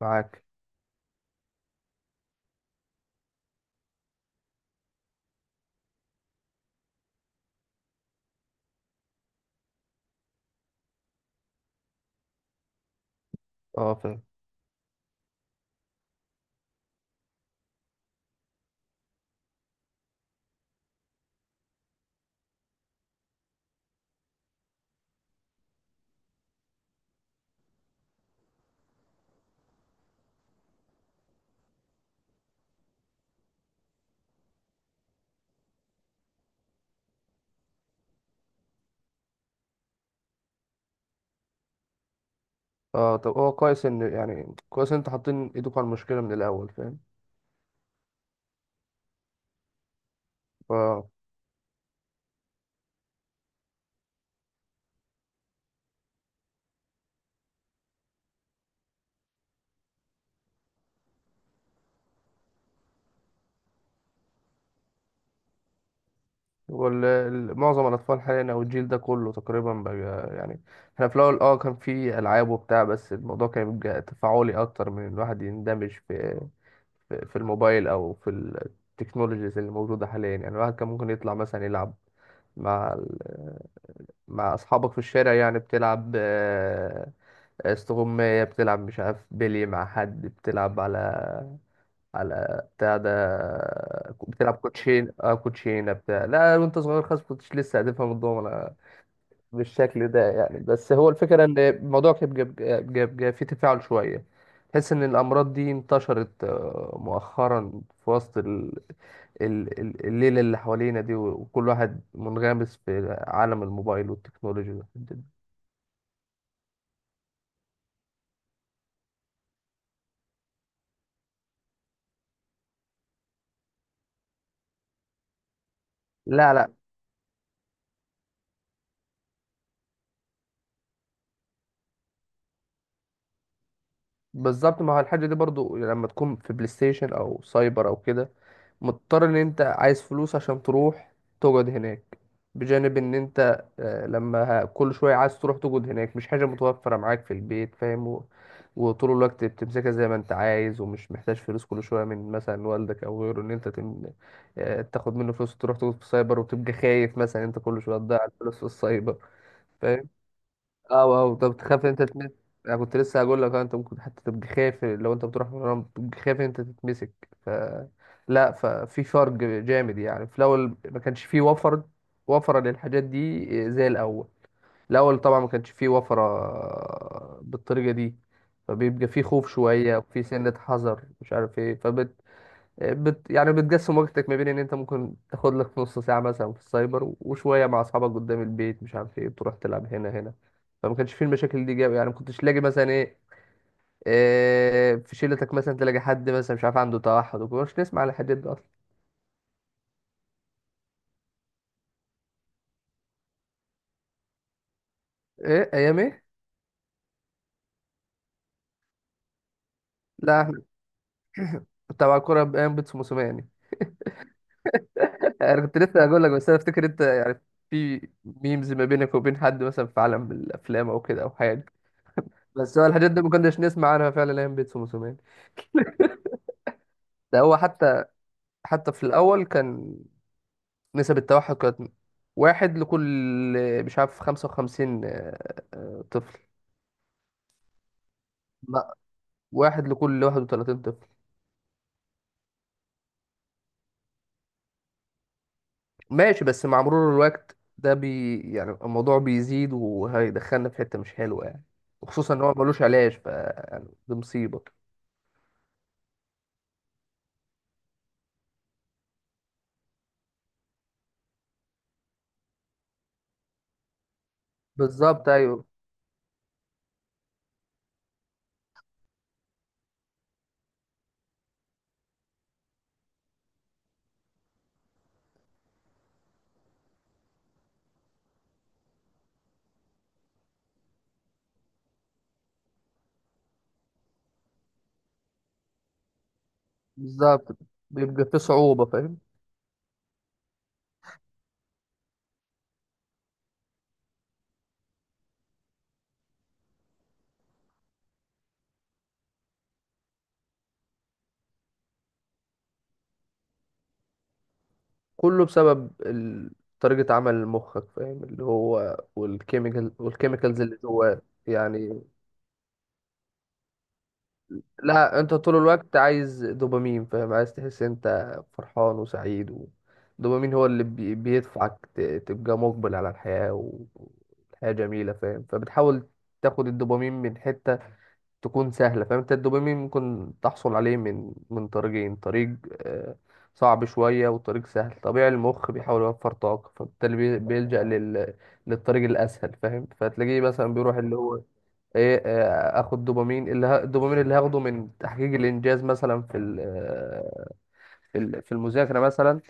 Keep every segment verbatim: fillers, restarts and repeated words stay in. معاك. اه فاهم. اه، طب هو كويس ان يعني كويس ان انتوا حاطين ايدكم على المشكله من الاول، فاهم؟ ف هو ال- ال- معظم الاطفال حاليا او الجيل ده كله تقريبا بقى. يعني احنا في الاول اه كان في العاب وبتاع، بس الموضوع كان بيبقى تفاعلي اكتر من الواحد يندمج في في في الموبايل او في التكنولوجيز اللي موجوده حاليا. يعني الواحد كان ممكن يطلع مثلا يلعب مع ال- مع اصحابك في الشارع، يعني بتلعب آه، استغماية، بتلعب مش عارف بيلي، مع حد بتلعب على على بتاع ده، بتلعب كوتشين، اه كوتشينة بتاع، لا وانت صغير خالص كنتش لسه هتفهم الدومنة بالشكل ده يعني. بس هو الفكرة ان الموضوع كان بيبقى بيبقى- بيبقى فيه تفاعل شوية. تحس ان الامراض دي انتشرت آه، مؤخرا في وسط ال- ال- ال- الليلة اللي حوالينا دي، وكل واحد منغمس في عالم الموبايل والتكنولوجيا والحاجات دي. لا لا، بالظبط، ما هو الحاجة دي برضو لما تكون في بلاي ستيشن او سايبر او كده، مضطر ان انت عايز فلوس عشان تروح تقعد هناك. بجانب ان انت آه، لما ه- كل شوية عايز تروح تقعد هناك، مش حاجة متوفرة معاك في البيت، فاهم. و- وطول الوقت بتمسكها زي ما انت عايز، ومش محتاج فلوس كل شوية من مثلا والدك او غيره ان انت تم... آه، تاخد منه فلوس وتروح تقعد في السايبر، وتبقى خايف مثلا انت كل شوية تضيع الفلوس في السايبر. اه. اه طب تخاف ان انت تتمسك. انا كنت لسه هقول لك، اه، انت ممكن حتى تبقى خايف لو انت بتروح مرة، بتبقى خايف ان انت تتمسك. ف لا، ففي فرق جامد يعني، في الاول ما كانش فيه وفر وفرة للحاجات دي زي الاول. الاول طبعا ما كانش فيه وفرة بالطريقة دي، فبيبقى فيه خوف شوية، وفيه سنة حذر، مش عارف ايه. بت يعني بتقسم وقتك ما بين ان انت ممكن تاخد لك نص ساعه مثلا في السايبر، وشويه مع اصحابك قدام البيت، مش عارف ايه، تروح تلعب هنا هنا. فما كانش فيه المشاكل دي جاب يعني، ما كنتش لاقي مثلا ايه آه، في شيلتك مثلا تلاقي حد مثلا مش عارف عنده توحد وكده، مش نسمع على الحاجات دي اصلا. ايه ايام ايه. لا احنا كنت على كوره بايام بيتسو موسوماني. انا كنت لسه هقول لك، بس انا افتكر انت يعني في ميمز ما بينك وبين حد مثلا في عالم الافلام او كده او حاجه. بس هو الحاجات دي ما كناش نسمع عنها فعلا ايام بيتسو موسوماني. ده هو حتى. حتى في الأول كان نسب التوحد كانت واحد لكل مش عارف خمسة وخمسين آه، آه، طفل. لا، واحد لكل واحد وتلاتين طفل. ماشي، بس مع مرور الوقت ده بي يعني الموضوع بيزيد وهيدخلنا في حتة مش حلوة يعني. وخصوصا إن هو ملوش علاج، ف يعني دي مصيبة. بالظبط أيوه. بالظبط، بيبقى في صعوبة، فاهم. كله بسبب ال... طريقة عمل مخك، فاهم، اللي هو والكيميكال والكيميكالز اللي جواه. يعني لا، انت طول الوقت عايز دوبامين، فاهم، عايز تحس انت فرحان وسعيد، والدوبامين هو اللي بي- بيدفعك ت- تبقى مقبل على الحياة، و- والحياة جميلة، فاهم. فبتحاول تاخد الدوبامين من حتة تكون سهلة، فاهم. انت الدوبامين ممكن تحصل عليه من من طريقين، طريق آه، صعب شوية، وطريق سهل. طبيعي المخ بيحاول يوفر طاقة، فبالتالي بي- بيلجأ لل... للطريق الأسهل، فاهم. فتلاقيه مثلا بيروح اللي هو ايه، آه، اخد دوبامين، اللي ه... الدوبامين اللي هاخده من تحقيق الانجاز مثلا في ال... آه، في ال... في المذاكره مثلا،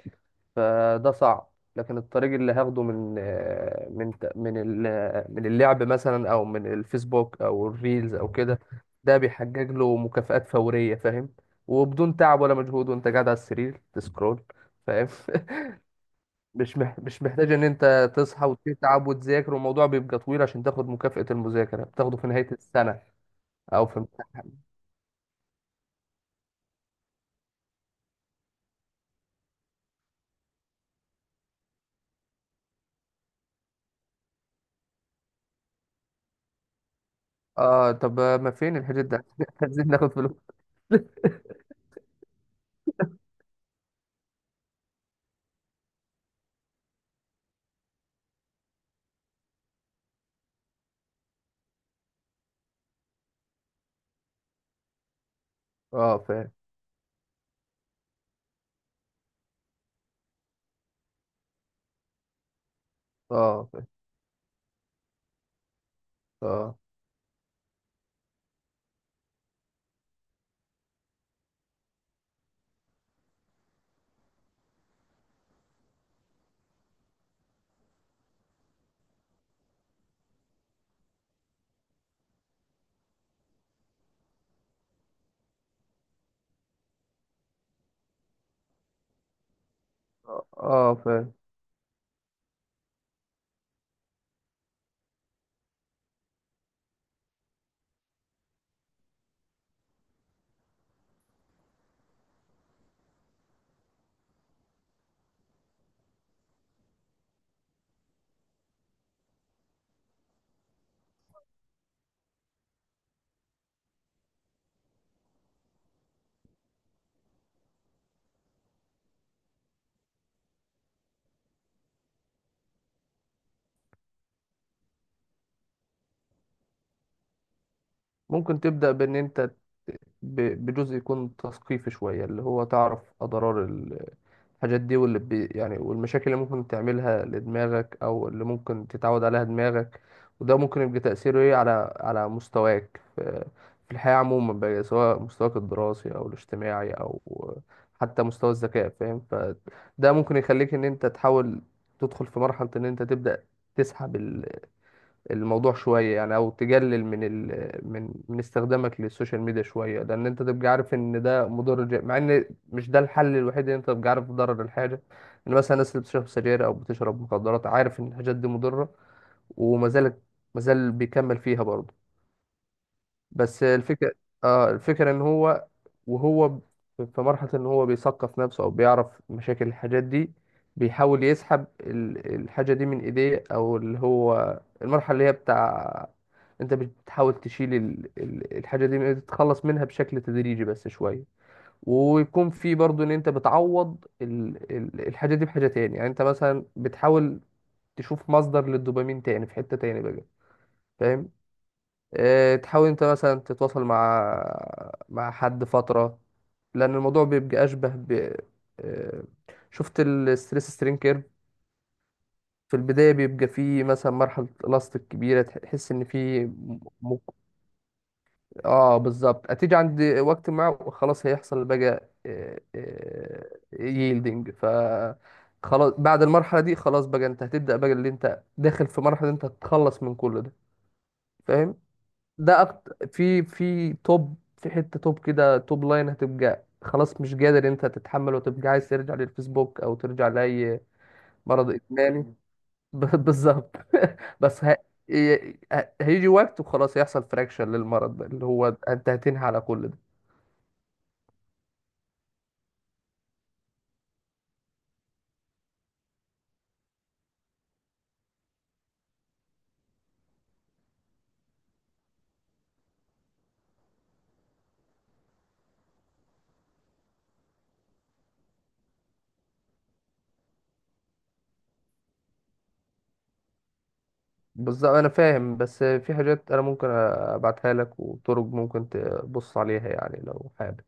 فده صعب. لكن الطريق اللي هاخده من آه، من ت- من ال... آه، من اللعب مثلا، او من الفيسبوك، او الريلز، او كده، ده بيحقق له مكافآت فوريه، فاهم. وبدون تعب ولا مجهود، وانت قاعد على السرير تسكرول، فاهم. مش مح... مش محتاج ان انت تصحى وتتعب وتذاكر، والموضوع بيبقى طويل عشان تاخد مكافأة المذاكره بتاخده في نهايه السنه او في. اه طب ما فين الحدود ده، عايزين ناخد فلوس. اه فاهم. اه فاهم. اه. اه فاهم. ممكن تبدأ بان انت ب- بجزء يكون تثقيفي شوية، اللي هو تعرف أضرار الحاجات دي، واللي بي يعني والمشاكل اللي ممكن تعملها لدماغك، او اللي ممكن تتعود عليها دماغك. وده ممكن يبقى تأثيره ايه على على مستواك في في الحياة عموما بقى، سواء مستواك الدراسي، او الاجتماعي، او حتى مستوى الذكاء، فاهم. فده ممكن يخليك ان انت تحاول تدخل في مرحلة ان انت تبدأ تسحب الموضوع شوية، يعني أو تقلل من ال... من من استخدامك للسوشيال ميديا شوية، لأن أنت تبقى عارف إن ده مضر، جا- مع إن مش ده الحل الوحيد، إن أنت تبقى عارف ضرر الحاجة. إن مثلا الناس اللي بتشرب سجاير أو بتشرب مخدرات، عارف إن الحاجات دي مضرة، وما زالت ما زال بيكمل فيها برضه. بس الفكرة. اه الفكرة ان هو وهو ب- في مرحلة ان هو بيثقف نفسه او بيعرف مشاكل الحاجات دي، بيحاول يسحب ال- الحاجة دي من ايديه، او اللي هو المرحلة اللي هي بتاع، انت بتحاول تشيل ال- ال- الحاجة دي من- تتخلص منها بشكل تدريجي بس شوية. ويكون في برضو ان انت بتعوض ال- ال- الحاجة دي بحاجة تاني، يعني انت مثلا بتحاول تشوف مصدر للدوبامين تاني في حتة تاني بقى، فاهم. إيه، تحاول انت مثلا تتواصل مع مع حد فترة، لأن الموضوع بيبقى أشبه ب إيه، شفت الستريس سترين كيرف. في البداية بيبقى فيه مثلا مرحلة إلاستيك كبيرة، تح- تحس إن فيه م... م- آه بالظبط، هتيجي عند وقت ما وخلاص هيحصل بقى ييلدنج. ف خلاص بعد المرحلة دي خلاص بقى أنت هتبدأ بقى اللي أنت داخل في مرحلة أنت هتتخلص من كل ده، فاهم. ده أكتر في في توب في حتة توب كده، توب لاين، هتبقى خلاص مش قادر انت تتحمل، وتبقى عايز ترجع للفيسبوك او ترجع لأي مرض إدماني. ب- بالظبط. بس ه... ي- ه- هيجي وقت وخلاص يحصل فراكشن للمرض ده، اللي هو انت هتنهي على كل ده. بالظبط انا فاهم، بس في حاجات انا ممكن ابعتها لك، وطرق ممكن تبص عليها، يعني لو حابب.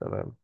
تمام.